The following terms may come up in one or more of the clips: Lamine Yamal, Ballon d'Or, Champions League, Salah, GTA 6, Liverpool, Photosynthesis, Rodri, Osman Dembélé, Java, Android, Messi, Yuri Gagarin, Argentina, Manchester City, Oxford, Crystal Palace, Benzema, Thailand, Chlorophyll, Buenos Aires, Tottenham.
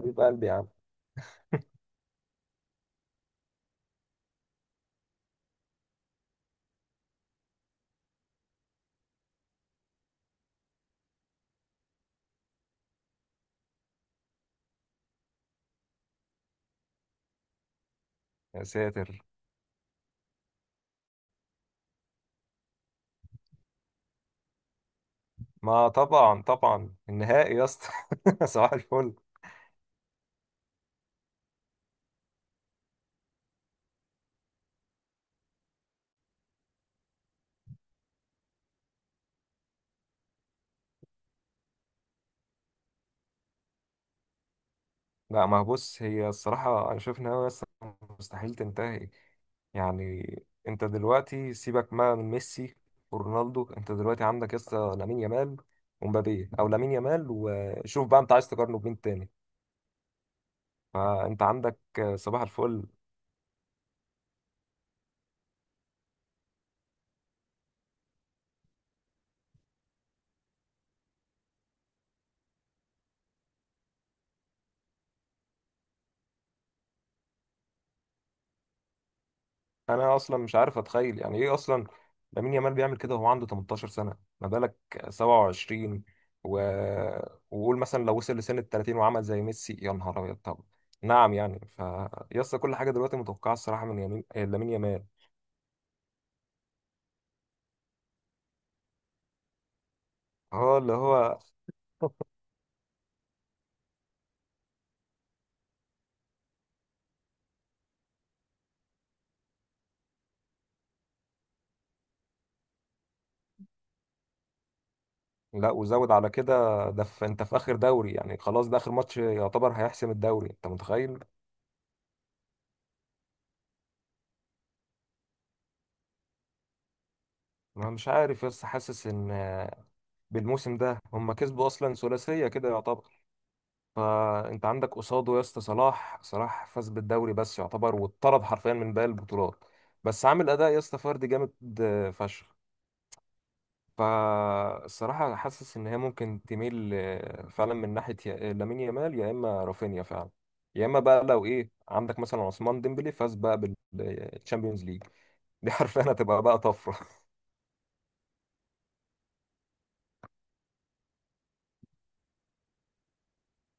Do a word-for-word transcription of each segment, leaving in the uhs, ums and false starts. حبيب قلبي يا عم. يا ساتر. ما طبعا طبعا النهائي يا اسطى. صباح الفل. لا، ما هو بص، هي الصراحة أنا شايف إن هي أصلا مستحيل تنتهي، يعني انت دلوقتي سيبك ما من ميسي ورونالدو، انت دلوقتي عندك لسه لامين يامال ومبابي او لامين يامال، وشوف بقى انت عايز تقارنه بمين تاني. فانت عندك صباح الفل. انا اصلا مش عارف اتخيل يعني ايه اصلا. لامين يامال بيعمل كده وهو عنده تمنتاشر سنة، ما بالك سبعة وعشرين و... وقول مثلا لو وصل لسن ال ثلاثين وعمل زي ميسي، يا نهار ابيض. طب نعم يعني. فيسطا كل حاجة دلوقتي متوقعة الصراحة من يمين لامين يامال. هو اللي هو لا، وزود على كده، ده في انت في اخر دوري، يعني خلاص ده اخر ماتش يعتبر هيحسم الدوري، انت متخيل؟ انا مش عارف بس حاسس ان آه، بالموسم ده هم كسبوا اصلا ثلاثيه كده يعتبر. فانت عندك قصاده يا اسطى صلاح. صلاح فاز بالدوري بس يعتبر، واتطرد حرفيا من باقي البطولات، بس عامل اداء يا اسطى فردي جامد آه، فشخ. فالصراحة أنا حاسس إن هي ممكن تميل آه، فعلا من ناحية يا- لامين يامال يا إما رافينيا فعلا، يا إما بقى لو إيه عندك مثلا عثمان ديمبلي فاز بقى بالتشامبيونز ليج، دي حرفيا هتبقى بقى طفرة.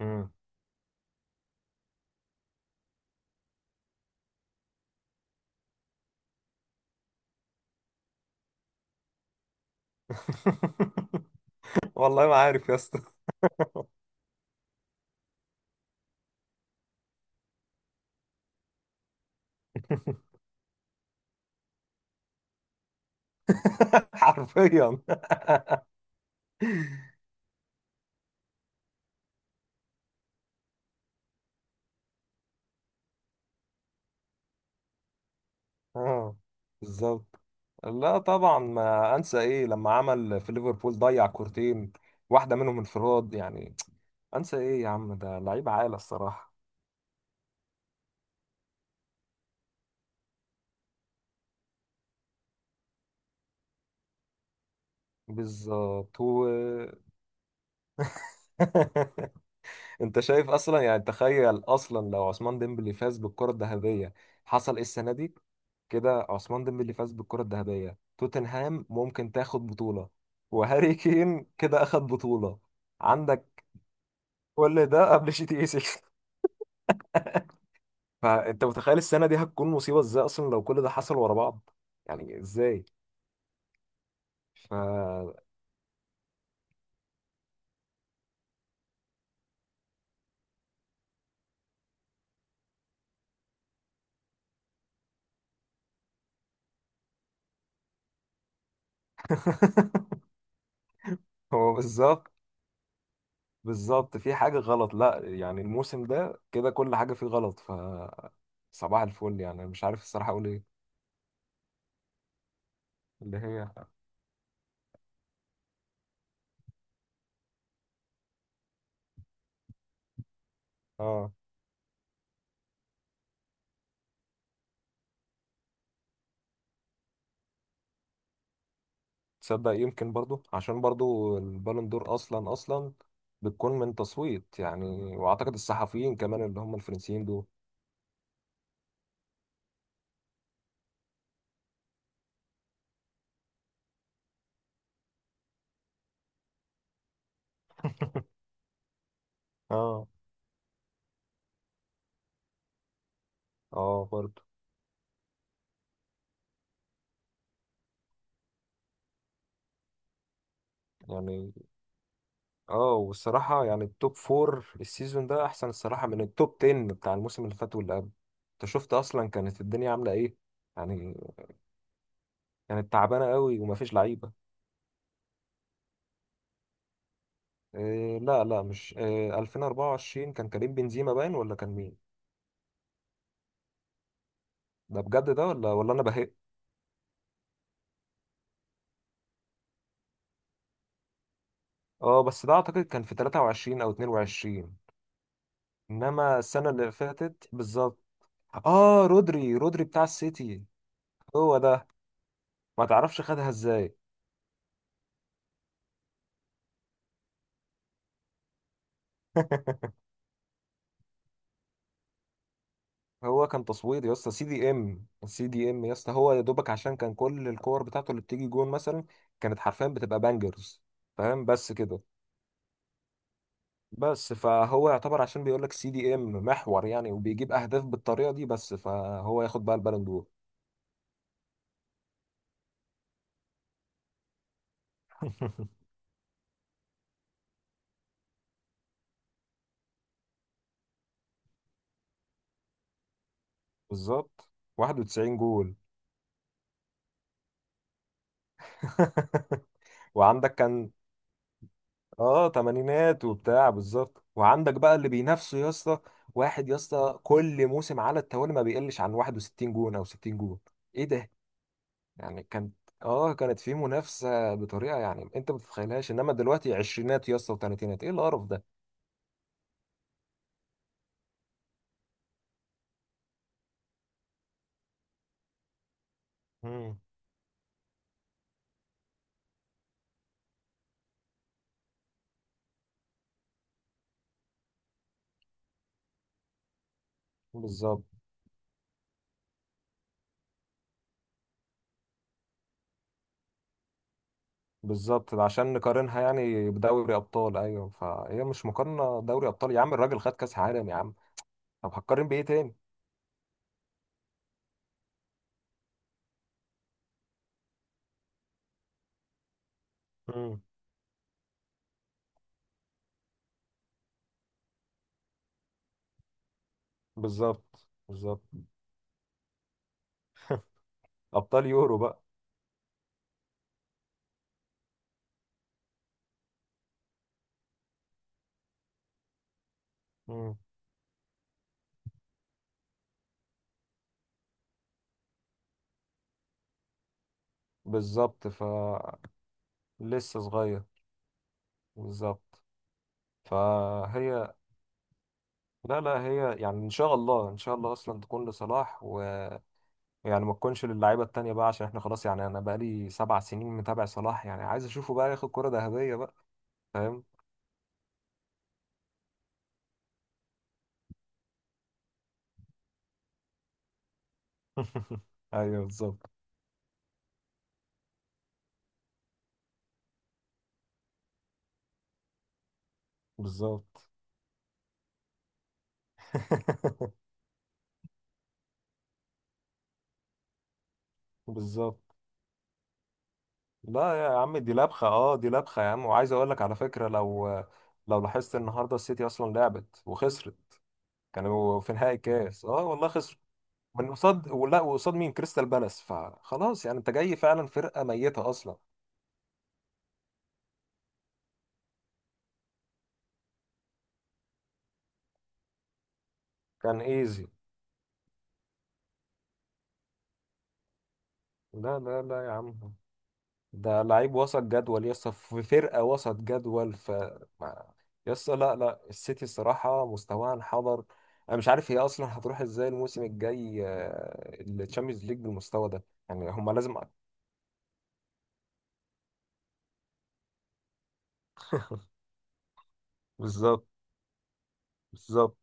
مم. والله ما عارف يا اسطى. حرفيا. اه بالظبط. لا طبعا، ما انسى ايه لما عمل في ليفربول، ضيع كورتين، واحده منهم انفراد يعني. انسى ايه يا عم، ده لعيب عالي الصراحه. بالظبط و... انت شايف اصلا؟ يعني تخيل اصلا لو عثمان ديمبلي فاز بالكرة الذهبية، حصل ايه السنة دي؟ كده عثمان ديمبلي فاز بالكرة الذهبية، توتنهام ممكن تاخد بطولة، وهاري كين كده اخد بطولة. عندك كل ده قبل جي تي اي ستة. فانت متخيل السنة دي هتكون مصيبة ازاي اصلا لو كل ده حصل ورا بعض؟ يعني ازاي. ف هو بالظبط، بالظبط في حاجة غلط. لا يعني الموسم ده كده كل حاجة فيه غلط. ف صباح الفل، يعني مش عارف الصراحة أقول إيه. اللي هي. آه. تصدق يمكن برضو عشان برضو البالون دور أصلا، أصلا بتكون من تصويت يعني، وأعتقد الصحفيين كمان اللي هم الفرنسيين دول. آه. آه برضو. يعني آه. والصراحة يعني التوب فور السيزون ده أحسن الصراحة من التوب عشرة بتاع الموسم اللي فات واللي قبل. أنت شفت أصلا كانت الدنيا عاملة إيه يعني؟ كانت تعبانة قوي ومفيش لعيبة. إيه لا لا، مش إيه، ألفين واربعة وعشرين كان كريم بنزيما، باين ولا كان مين؟ ده بجد ده ولا ولا انا بهق؟ اه بس ده اعتقد كان في تلاتة وعشرين او اتنين وعشرين، انما السنه اللي فاتت بالظبط. اه، رودري، رودري بتاع السيتي. هو ده. ما تعرفش خدها ازاي. هو كان تصويت يا اسطى. سي دي ام، سي دي ام يا اسطى، هو يا دوبك عشان كان كل الكور بتاعته اللي بتيجي جون مثلا كانت حرفيا بتبقى بانجرز، فاهم؟ بس كده. بس فهو يعتبر عشان بيقول لك سي دي ام محور يعني، وبيجيب اهداف بالطريقه دي، بس فهو ياخد بقى البالون دور. بالظبط، واحد وتسعين جول. وعندك كان، اه تمانينات وبتاع، بالظبط. وعندك بقى اللي بينافسه يا اسطى، واحد يا اسطى كل موسم على التوالي ما بيقلش عن واحد وستين جون او ستين جون. ايه ده؟ يعني كانت، اه كانت في منافسه بطريقه يعني انت ما تتخيلهاش، انما دلوقتي عشرينات يا اسطى وثلاثينات، ايه القرف ده؟ مم. بالظبط، بالظبط عشان نقارنها يعني بدوري ابطال. ايوه، فهي مش مقارنه، دوري ابطال يا عم؟ الراجل خد كاس عالم يا عم، طب هتقارن بايه تاني؟ امم بالظبط، بالظبط. ابطال يورو بقى. امم بالظبط ف لسه صغير، بالظبط. فهي لا لا، هي يعني ان شاء الله، ان شاء الله اصلا تكون لصلاح، ويعني ما تكونش للعيبه التانيه بقى، عشان احنا خلاص يعني انا بقى لي سبع سنين متابع صلاح، يعني عايز اشوفه بقى ياخد كره ذهبيه بقى، فاهم؟ ايوه بالظبط، بالظبط. بالظبط. لا يا عم دي لبخة، اه دي لبخة يا عم. وعايز اقول لك على فكرة لو لو لاحظت النهاردة السيتي اصلا لعبت وخسرت، كانوا في نهائي الكاس، اه والله خسروا. من قصاد، ولا وقصاد مين؟ كريستال بالاس، فخلاص يعني انت جاي فعلا فرقة ميتة اصلا. كان ايزي. لا لا لا يا عم، ده لعيب وسط جدول يسطا، في فرقة وسط جدول. ف ما- يسطا لا لا، السيتي الصراحة مستواها انحدر. أنا مش عارف هي أصلا هتروح إزاي الموسم الجاي الشامبيونز ليج بالمستوى ده، يعني هما لازم. بالظبط، بالظبط.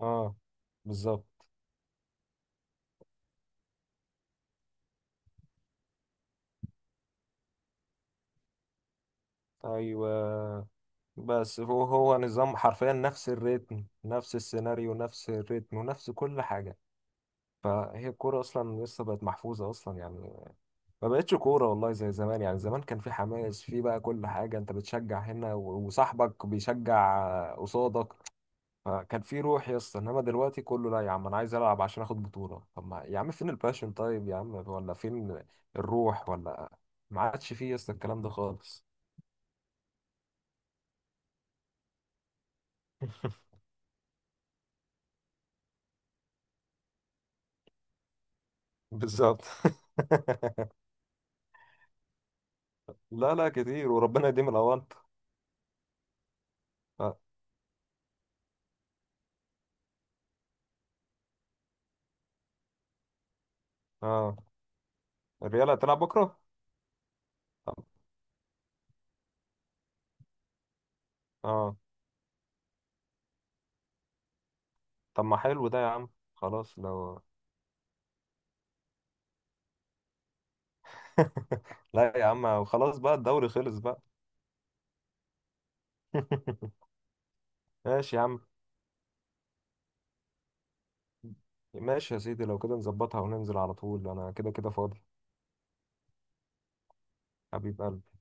اه بالظبط. أيوه. بس هو هو نظام حرفيا، نفس الريتم، نفس السيناريو، نفس الريتم ونفس كل حاجة. فهي الكورة أصلا لسه بقت محفوظة أصلا يعني، ما بقتش كورة والله زي زمان. يعني زمان كان في حماس، في بقى كل حاجة، انت بتشجع هنا و- وصاحبك بيشجع قصادك، فكان في روح يا اسطى. انما دلوقتي كله لا، يا عم انا عايز العب عشان اخد بطولة. طب ما يا عم، فين الباشن؟ طيب يا عم، ولا فين الروح، ولا ما عادش فيه يا اسطى الكلام ده خالص. بالظبط. لا لا كتير، وربنا يديم الاوانت. اه آه. الريال هتلعب بكرة؟ طب اه، طب ما حلو ده يا عم. خلاص لو لا يا عم، وخلاص بقى الدوري خلص بقى. ماشي يا عم. ماشي يا سيدي، لو كده نظبطها وننزل على طول، انا كده كده فاضي. حبيب قلبي.